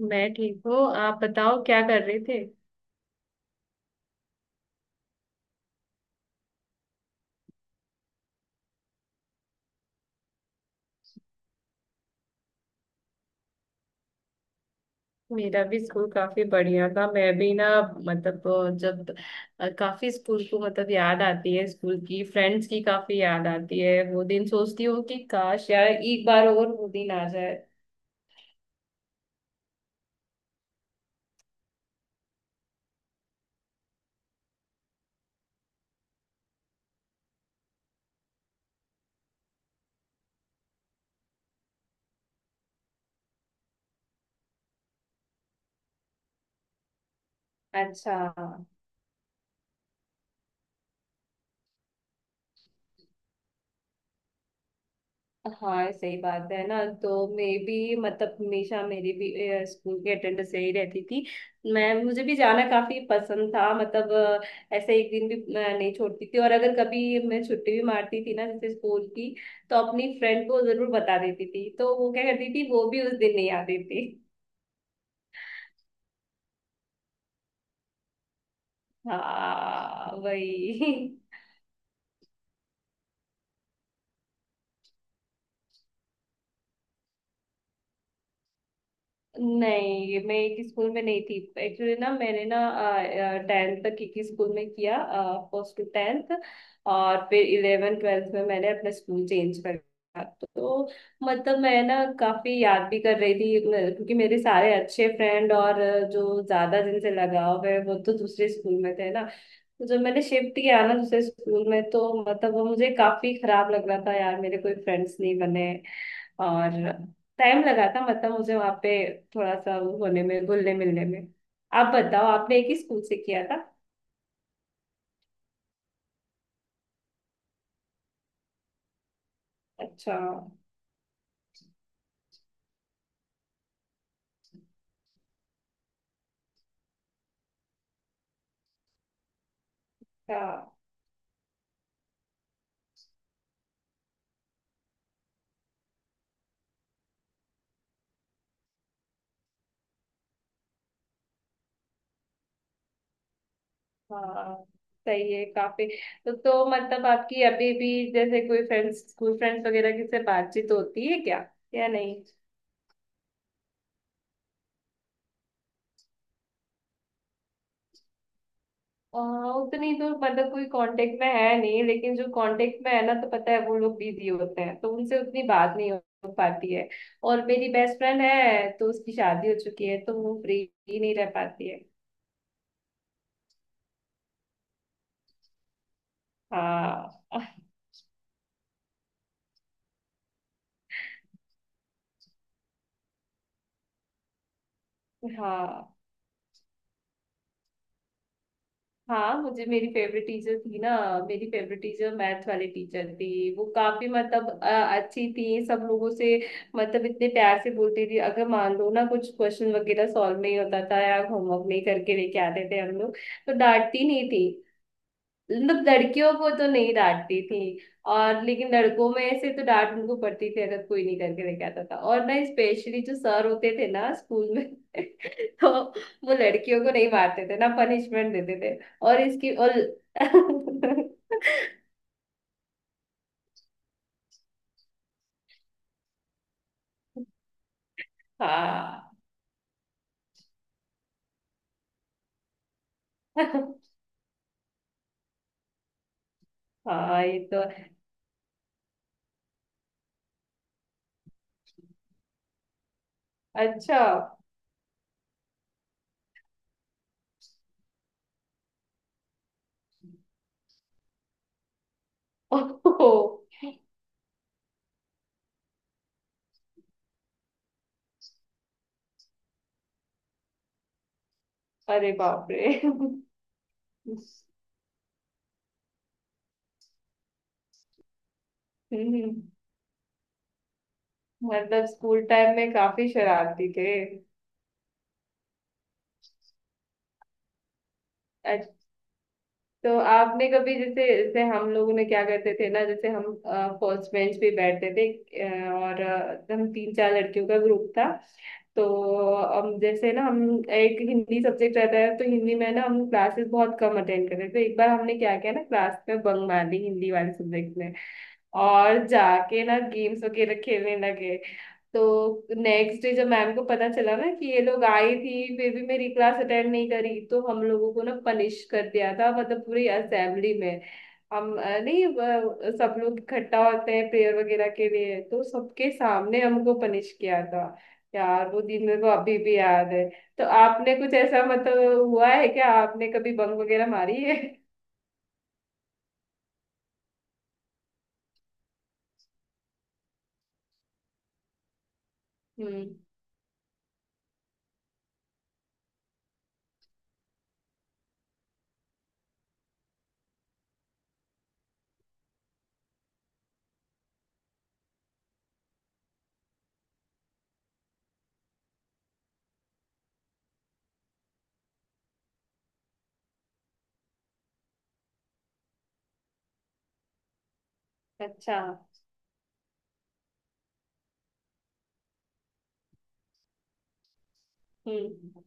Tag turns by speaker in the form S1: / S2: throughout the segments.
S1: मैं ठीक हूँ। आप बताओ क्या कर रहे थे। मेरा भी स्कूल काफी बढ़िया था। मैं भी ना मतलब जब काफी स्कूल को मतलब याद आती है। स्कूल की फ्रेंड्स की काफी याद आती है। वो दिन सोचती हूँ कि काश यार एक बार और वो दिन आ जाए। अच्छा। हाँ सही बात है ना। तो मैं भी मतलब हमेशा मेरी भी स्कूल की अटेंडेंस सही रहती थी। मैं मुझे भी जाना काफी पसंद था। मतलब ऐसे एक दिन भी नहीं छोड़ती थी। और अगर कभी मैं छुट्टी भी मारती थी ना जैसे स्कूल की तो अपनी फ्रेंड को जरूर बता देती थी तो वो क्या करती थी वो भी उस दिन नहीं आती थी। हाँ वही नहीं मैं एक स्कूल में नहीं थी। एक्चुअली ना मैंने ना टेंथ तक एक ही स्कूल में किया। First to tenth. और फिर इलेवन ट्वेल्थ में मैंने अपना स्कूल चेंज कर दिया। तो मतलब मैं ना काफी याद भी कर रही थी क्योंकि मेरे सारे अच्छे फ्रेंड और जो ज्यादा जिनसे लगाव है वो तो दूसरे स्कूल में थे ना। तो जब मैंने शिफ्ट किया ना दूसरे स्कूल में तो मतलब वो मुझे काफी खराब लग रहा था यार मेरे कोई फ्रेंड्स नहीं बने। और टाइम लगा था मतलब मुझे वहां पे थोड़ा सा वो होने में घुलने मिलने में। आप बताओ आपने एक ही स्कूल से किया था। अच्छा। हाँ। हाँ। सही है काफी। तो मतलब आपकी अभी भी जैसे कोई फ्रेंड्स स्कूल फ्रेंड्स वगैरह की से बातचीत होती है क्या? या नहीं? आ, उतनी तो मतलब कोई कांटेक्ट में है नहीं लेकिन जो कांटेक्ट में है ना तो पता है वो लोग बिजी होते हैं तो उनसे उतनी बात नहीं हो पाती है। और मेरी बेस्ट फ्रेंड है तो उसकी शादी हो चुकी है तो वो फ्री ही नहीं रह पाती है। हाँ हाँ। हाँ मुझे मेरी फेवरेट टीचर थी ना। मेरी फेवरेट टीचर मैथ वाली टीचर थी। वो काफी मतलब अच्छी थी सब लोगों से। मतलब इतने प्यार से बोलती थी अगर मान लो ना कुछ क्वेश्चन वगैरह सॉल्व नहीं होता था या होमवर्क नहीं करके लेके आते थे हम लोग तो डांटती नहीं थी। मतलब लड़कियों को तो नहीं डांटती थी। और लेकिन लड़कों में ऐसे तो डांट उनको पड़ती थी अगर कोई नहीं करके लेके आता था और ना स्पेशली जो सर होते थे ना स्कूल में तो वो लड़कियों को नहीं मारते थे ना पनिशमेंट देते थे। और इसकी और हाँ। हाँ। ये तो। अच्छा। ओहो। अरे बाप रे हम्म। मतलब स्कूल टाइम में काफी शरारती थे। अच्छा। तो आपने कभी जैसे जैसे हम लोगों ने क्या करते थे ना जैसे हम फर्स्ट बेंच पे बैठते थे और हम तीन चार लड़कियों का ग्रुप था। तो हम जैसे ना हम एक हिंदी सब्जेक्ट रहता है तो हिंदी में ना हम क्लासेस बहुत कम अटेंड करते थे तो एक बार हमने क्या किया ना क्लास में बंक मार ली हिंदी वाले सब्जेक्ट में। और जाके ना गेम्स वगैरह खेलने लगे। तो नेक्स्ट डे जब मैम को पता चला ना कि ये लोग आई थी फिर भी मेरी क्लास अटेंड नहीं करी तो हम लोगों को ना पनिश कर दिया था मतलब पूरी असेंबली में। हम अ, नहीं अ, सब लोग इकट्ठा होते हैं प्रेयर वगैरह के लिए तो सबके सामने हमको पनिश किया था। यार वो दिन मेरे को अभी भी याद है। तो आपने कुछ ऐसा मतलब हुआ है क्या आपने कभी बंक वगैरह मारी है? हम्म। अच्छा। हम्म।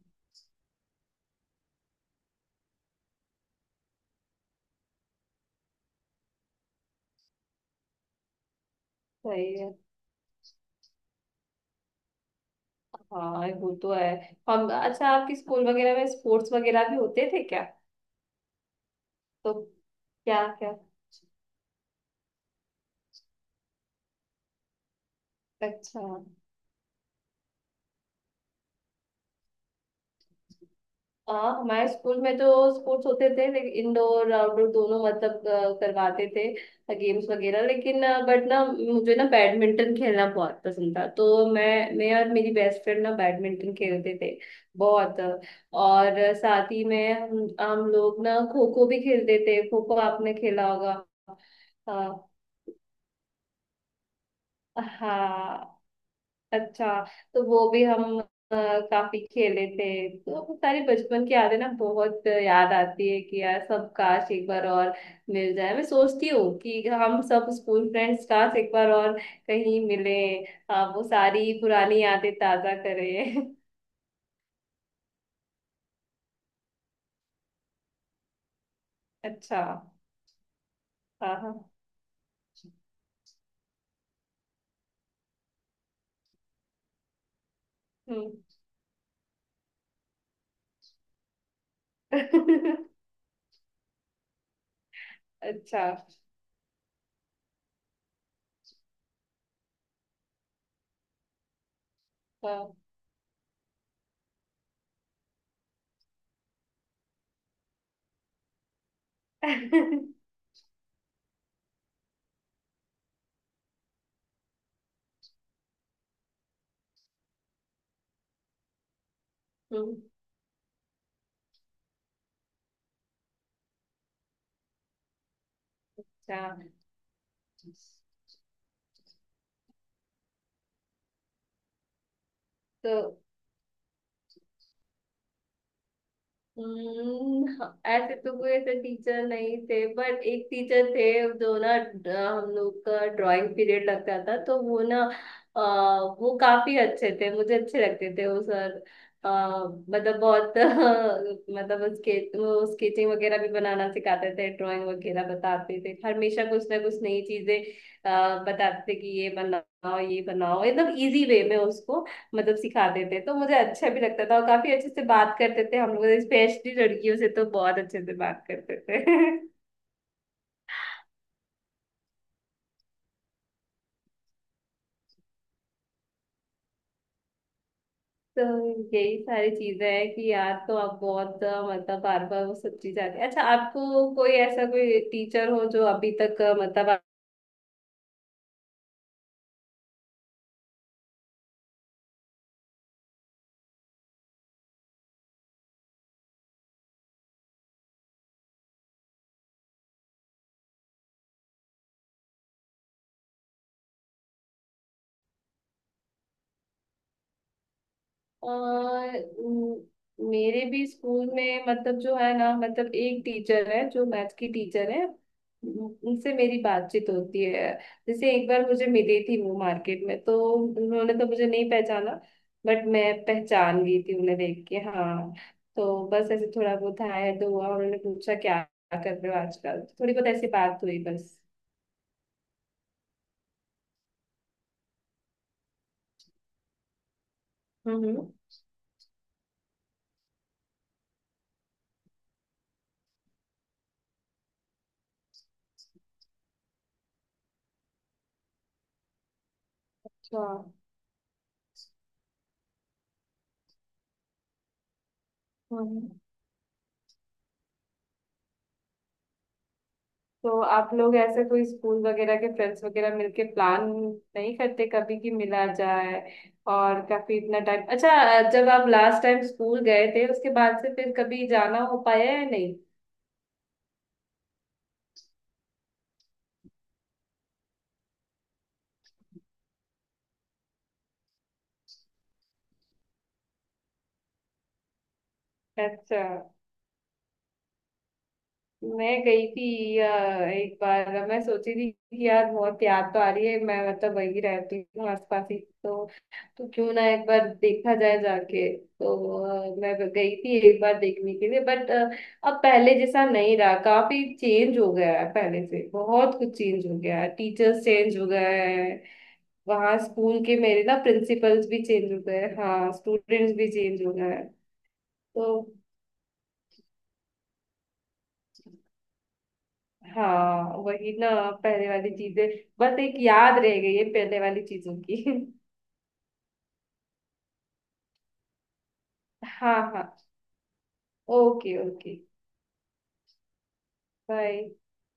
S1: सही है। हाँ वो तो है। हम अच्छा आपके स्कूल वगैरह में स्पोर्ट्स वगैरह भी होते थे क्या? तो क्या क्या? अच्छा। हाँ हमारे स्कूल में तो स्पोर्ट्स होते थे लेकिन इंडोर आउटडोर दोनों मतलब करवाते थे गेम्स वगैरह लेकिन बट ना मुझे ना बैडमिंटन खेलना बहुत पसंद था तो मैं और मेरी बेस्ट फ्रेंड ना बैडमिंटन खेलते थे बहुत। और साथ ही में हम लोग ना खो खो भी खेलते थे। खो खो आपने खेला होगा? हाँ। हाँ। अच्छा। तो वो भी हम काफी खेले थे। तो वो सारी बचपन की यादें ना बहुत याद आती है कि यार सब काश एक बार और मिल जाए। मैं सोचती हूँ कि हम सब स्कूल फ्रेंड्स काश एक बार और कहीं मिले वो सारी पुरानी यादें ताजा करें। अच्छा। हाँ। हाँ। हम्म। अच्छा। हाँ हम्म। अच्छा। तो हाँ, ऐसे तो कोई ऐसे टीचर नहीं थे बट एक टीचर थे जो ना हम लोग का ड्राइंग पीरियड लगता था तो वो ना अ, वो काफी अच्छे थे मुझे अच्छे लगते थे वो सर। मतलब बहुत मतलब उसके वो स्केचिंग वगैरह भी बनाना सिखाते थे ड्राइंग वगैरह बताते थे हमेशा कुछ ना कुछ नई चीजें बताते थे कि ये बनाओ एकदम इजी वे में उसको मतलब सिखा देते तो मुझे अच्छा भी लगता था और काफी अच्छे से बात करते थे हम लोग स्पेशली लड़कियों से तो बहुत अच्छे से बात करते थे तो यही सारी चीजें हैं कि यार तो आप बहुत मतलब बार बार वो सब चीज आती है। अच्छा आपको कोई ऐसा कोई टीचर हो जो अभी तक मतलब। मेरे भी स्कूल में मतलब जो है ना मतलब एक टीचर है जो मैथ की टीचर है। उनसे मेरी बातचीत होती है। जैसे एक बार मुझे मिली थी वो मार्केट में तो उन्होंने तो मुझे नहीं पहचाना बट मैं पहचान गई थी उन्हें देख के हाँ। तो बस ऐसे थोड़ा बहुत हाय दो हुआ उन्होंने पूछा क्या कर रहे हो आजकल थोड़ी बहुत ऐसी बात हुई बस। हम्म। हाँ। तो आप लोग ऐसे कोई स्कूल वगैरह के फ्रेंड्स वगैरह मिलके प्लान नहीं करते कभी कि मिला जाए? और काफी इतना टाइम अच्छा जब आप लास्ट टाइम स्कूल गए थे उसके बाद से फिर कभी जाना हो पाया या नहीं? अच्छा। मैं गई थी एक बार मैं सोची थी कि यार बहुत याद तो आ रही है मैं मतलब वही रहती हूँ आसपास ही। तो तो क्यों ना एक बार देखा जाए जाके तो। मैं गई थी एक बार देखने के लिए बट अब पहले जैसा नहीं रहा काफी चेंज हो गया है पहले से बहुत कुछ चेंज हो गया है टीचर्स चेंज हो गए हैं। वहाँ स्कूल के मेरे ना प्रिंसिपल्स भी चेंज हो गए हैं, हाँ स्टूडेंट्स भी चेंज हो गए हैं। तो हाँ वही ना पहले वाली चीजें बस एक याद रह गई है पहले वाली चीजों की। हाँ। हाँ। Okay okay. बाय।